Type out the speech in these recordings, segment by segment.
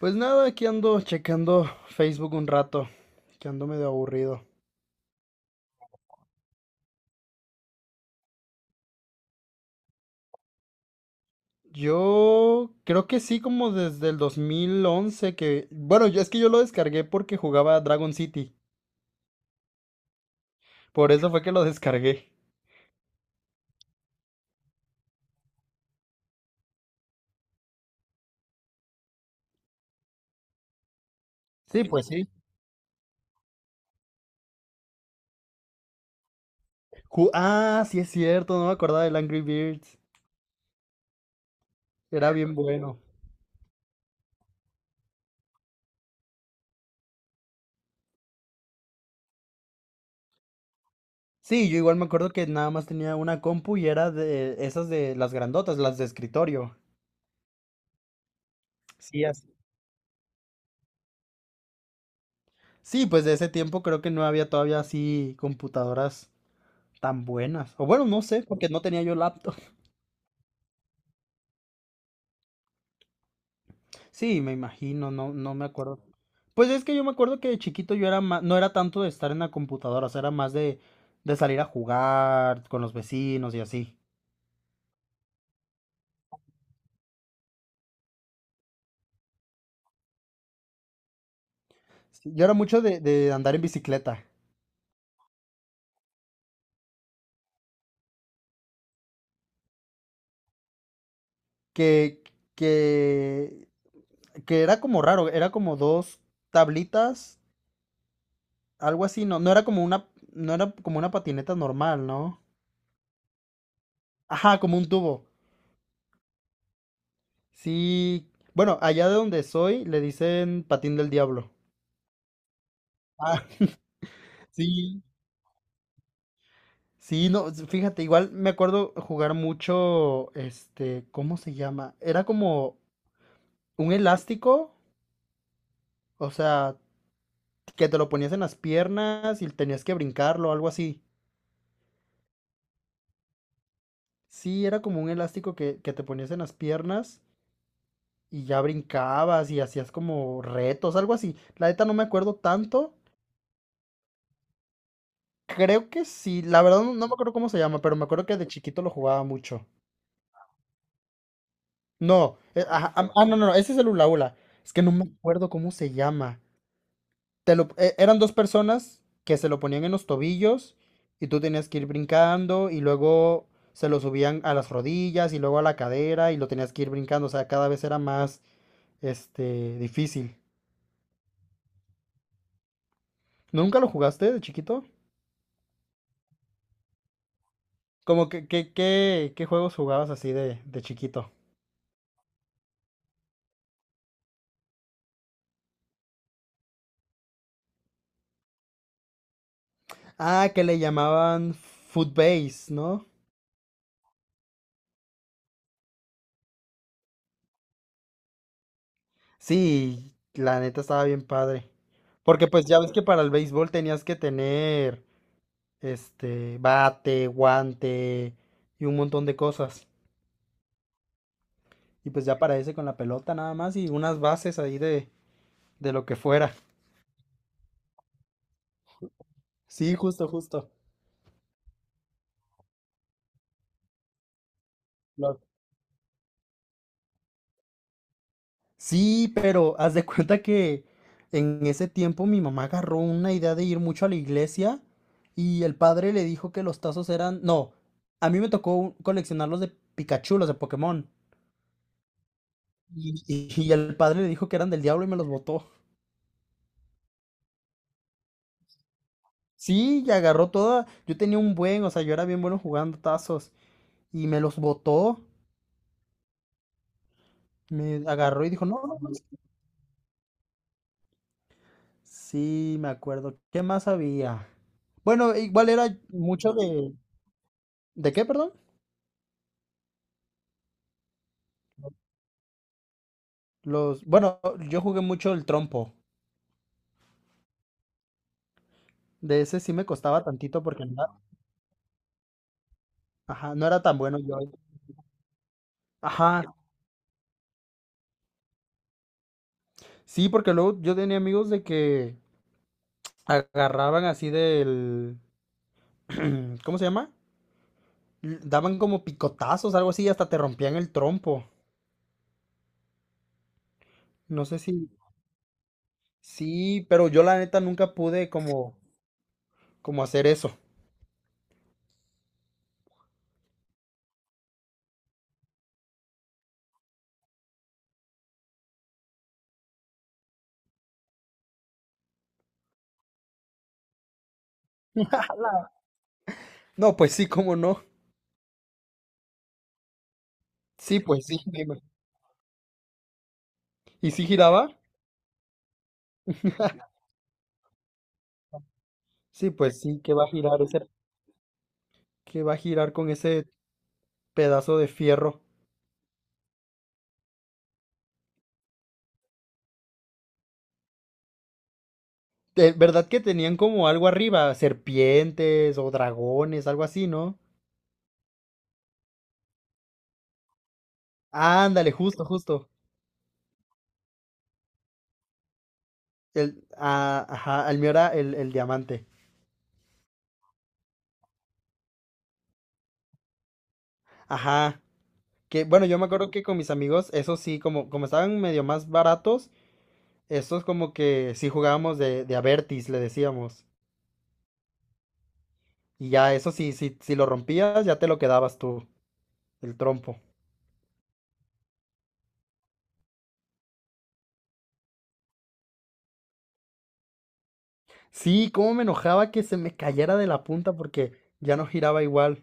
Pues nada, aquí ando checando Facebook un rato, que ando medio aburrido. Yo creo que sí, como desde el 2011 que. Bueno, es que yo lo descargué porque jugaba Dragon City. Por eso fue que lo descargué. Sí, pues sí. Sí es cierto, no me acordaba del Angry Birds. Era bien bueno. Sí, yo igual me acuerdo que nada más tenía una compu y era de esas de las grandotas, las de escritorio. Sí, así. Sí, pues de ese tiempo creo que no había todavía así computadoras tan buenas. O bueno, no sé, porque no tenía yo laptop. Sí, me imagino, no, no me acuerdo. Pues es que yo me acuerdo que de chiquito yo era más, no era tanto de estar en la computadora, o sea, era más de salir a jugar con los vecinos y así. Sí, yo era mucho de andar en bicicleta, que, que, que era como raro, era como dos tablitas, algo así, no, no era como una, no era como una patineta normal, ¿no? Ajá, como un tubo. Sí, bueno, allá de donde soy le dicen patín del diablo. Ah, sí. Sí, no, fíjate, igual me acuerdo jugar mucho, este, ¿cómo se llama? Era como un elástico, o sea, que te lo ponías en las piernas y tenías que brincarlo, algo así. Sí, era como un elástico que te ponías en las piernas y ya brincabas y hacías como retos, algo así. La neta no me acuerdo tanto. Creo que sí, la verdad no me acuerdo cómo se llama, pero me acuerdo que de chiquito lo jugaba mucho. No, ajá, no, no, no, ese es el hula hula. Es que no me acuerdo cómo se llama. Eran dos personas que se lo ponían en los tobillos y tú tenías que ir brincando y luego se lo subían a las rodillas y luego a la cadera y lo tenías que ir brincando. O sea, cada vez era más, difícil. ¿No, nunca lo jugaste de chiquito? Como que, ¿qué juegos jugabas así de chiquito? Ah, que le llamaban Footbase, ¿no? Sí, la neta estaba bien padre. Porque pues ya ves que para el béisbol tenías que tener este bate, guante y un montón de cosas. Y pues ya para ese con la pelota nada más y unas bases ahí de lo que fuera. Sí, justo, justo. Lo- Sí, pero haz de cuenta que en ese tiempo mi mamá agarró una idea de ir mucho a la iglesia y el padre le dijo que los tazos eran. No, a mí me tocó coleccionarlos de Pikachu, los de Pokémon. Y el padre le dijo que eran del diablo y me los botó. Sí, y agarró toda. Yo tenía un buen, o sea, yo era bien bueno jugando tazos. Y me los botó. Me agarró y dijo: no, no, no. Sí, me acuerdo. ¿Qué más había? Bueno, igual era mucho de. ¿De qué, perdón? Los. Bueno, yo jugué mucho el trompo. De ese sí me costaba tantito porque no era, ajá, no era tan bueno yo. Ajá. Sí, porque luego yo tenía amigos de que agarraban así del. ¿Cómo se llama? Daban como picotazos, algo así, y hasta te rompían el trompo. No sé si. Sí, pero yo la neta nunca pude como hacer eso. No, pues sí, cómo no. Sí, pues sí. ¿Y si giraba? Sí, pues sí, que va a girar ese, que va a girar con ese pedazo de fierro. De verdad que tenían como algo arriba, serpientes o dragones, algo así, ¿no? Ándale, justo, justo. Ajá, el mío era el Diamante. Ajá. Que bueno, yo me acuerdo que con mis amigos, eso sí, como estaban medio más baratos, estos como que sí jugábamos de Avertis, le decíamos. Y ya eso sí, sí, si lo rompías, ya te lo quedabas tú, el trompo. Sí, cómo me enojaba que se me cayera de la punta porque ya no giraba igual.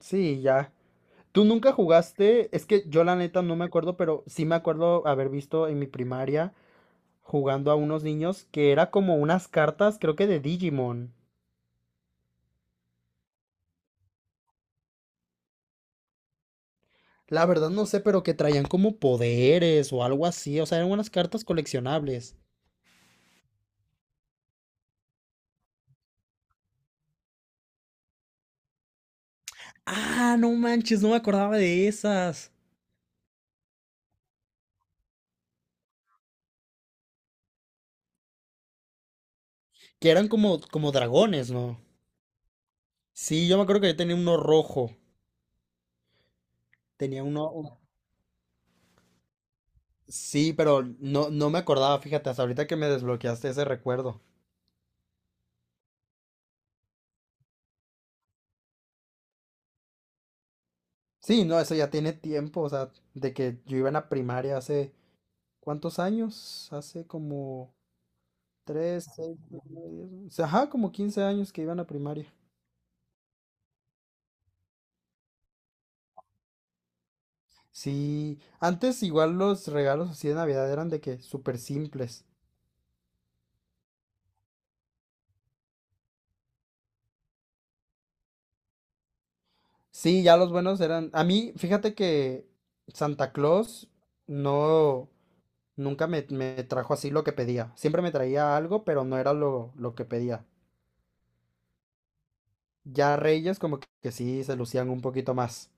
Sí, ya. ¿Tú nunca jugaste? Es que yo la neta no me acuerdo, pero sí me acuerdo haber visto en mi primaria jugando a unos niños que era como unas cartas, creo que de Digimon. La verdad no sé, pero que traían como poderes o algo así. O sea, eran unas cartas coleccionables. Ah, no manches, no me acordaba de esas. Que eran como dragones, ¿no? Sí, yo me acuerdo que yo tenía uno rojo. Tenía uno. Sí, pero no, no me acordaba, fíjate, hasta ahorita que me desbloqueaste ese recuerdo. Sí, no, eso ya tiene tiempo, o sea, de que yo iba en la primaria hace. ¿Cuántos años? Hace como. Tres, seis, nueve, diez, once, ajá, como 15 años que iba en la primaria. Sí, antes igual los regalos así de Navidad eran de que súper simples. Sí, ya los buenos eran. A mí, fíjate que Santa Claus no, nunca me trajo así lo que pedía. Siempre me traía algo, pero no era lo que pedía. Ya Reyes como que sí se lucían un poquito más.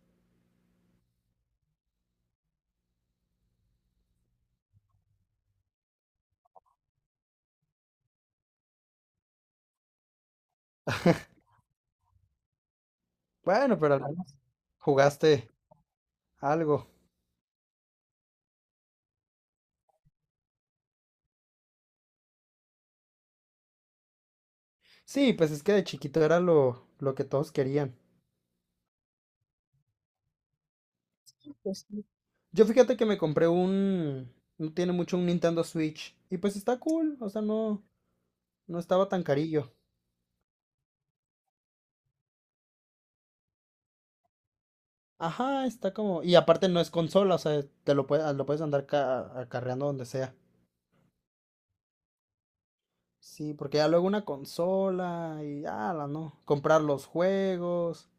Bueno, pero al menos jugaste algo. Sí, pues es que de chiquito era lo que todos querían. Yo fíjate que me compré no tiene mucho un Nintendo Switch y pues está cool, o sea, no, no estaba tan carillo. Ajá, está como, y aparte no es consola, o sea, lo puedes andar acarreando donde sea. Sí, porque ya luego una consola y ya la no, comprar los juegos.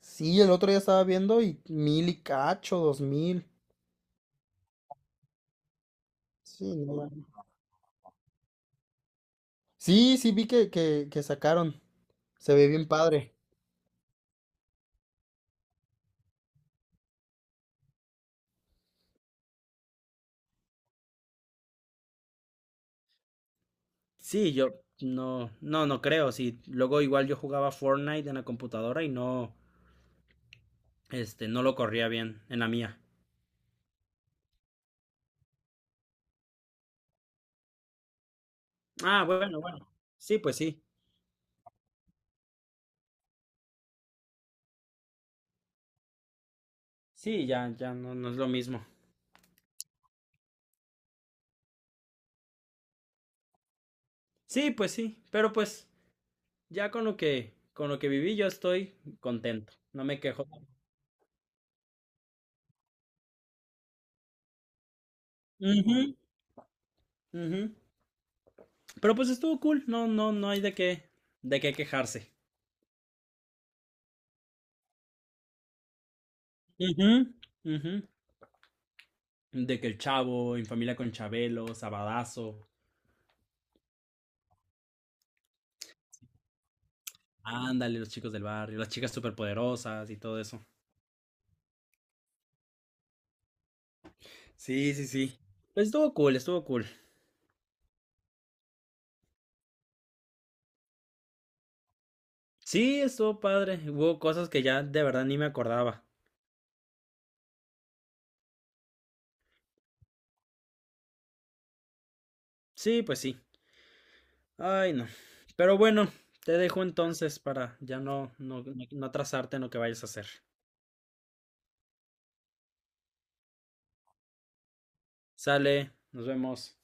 Sí, el otro día estaba viendo y 1,000 y cacho, 2,000. Sí, no mames. Sí, sí vi que sacaron. Se ve bien padre. Sí, yo no, no, no creo. Sí, luego igual yo jugaba Fortnite en la computadora y no, no lo corría bien en la mía. Ah, bueno, bueno. Sí, pues sí. Sí, ya, ya no, no es lo mismo. Sí, pues sí. Pero pues, ya con lo que viví, yo estoy contento. No me quejo. Ujú, ujú. Pero pues estuvo cool. No, no, no hay de qué quejarse. Ujú, ujú. De que el Chavo, En Familia con Chabelo, Sabadazo. Ándale, los chicos del barrio, las chicas superpoderosas y todo eso. Sí, sí, sí. Pues estuvo cool, estuvo cool. Sí, estuvo padre. Hubo cosas que ya de verdad ni me acordaba. Sí, pues sí. Ay, no. Pero bueno, te dejo entonces para ya no, no, no, no atrasarte en lo que vayas a hacer. Sale, nos vemos.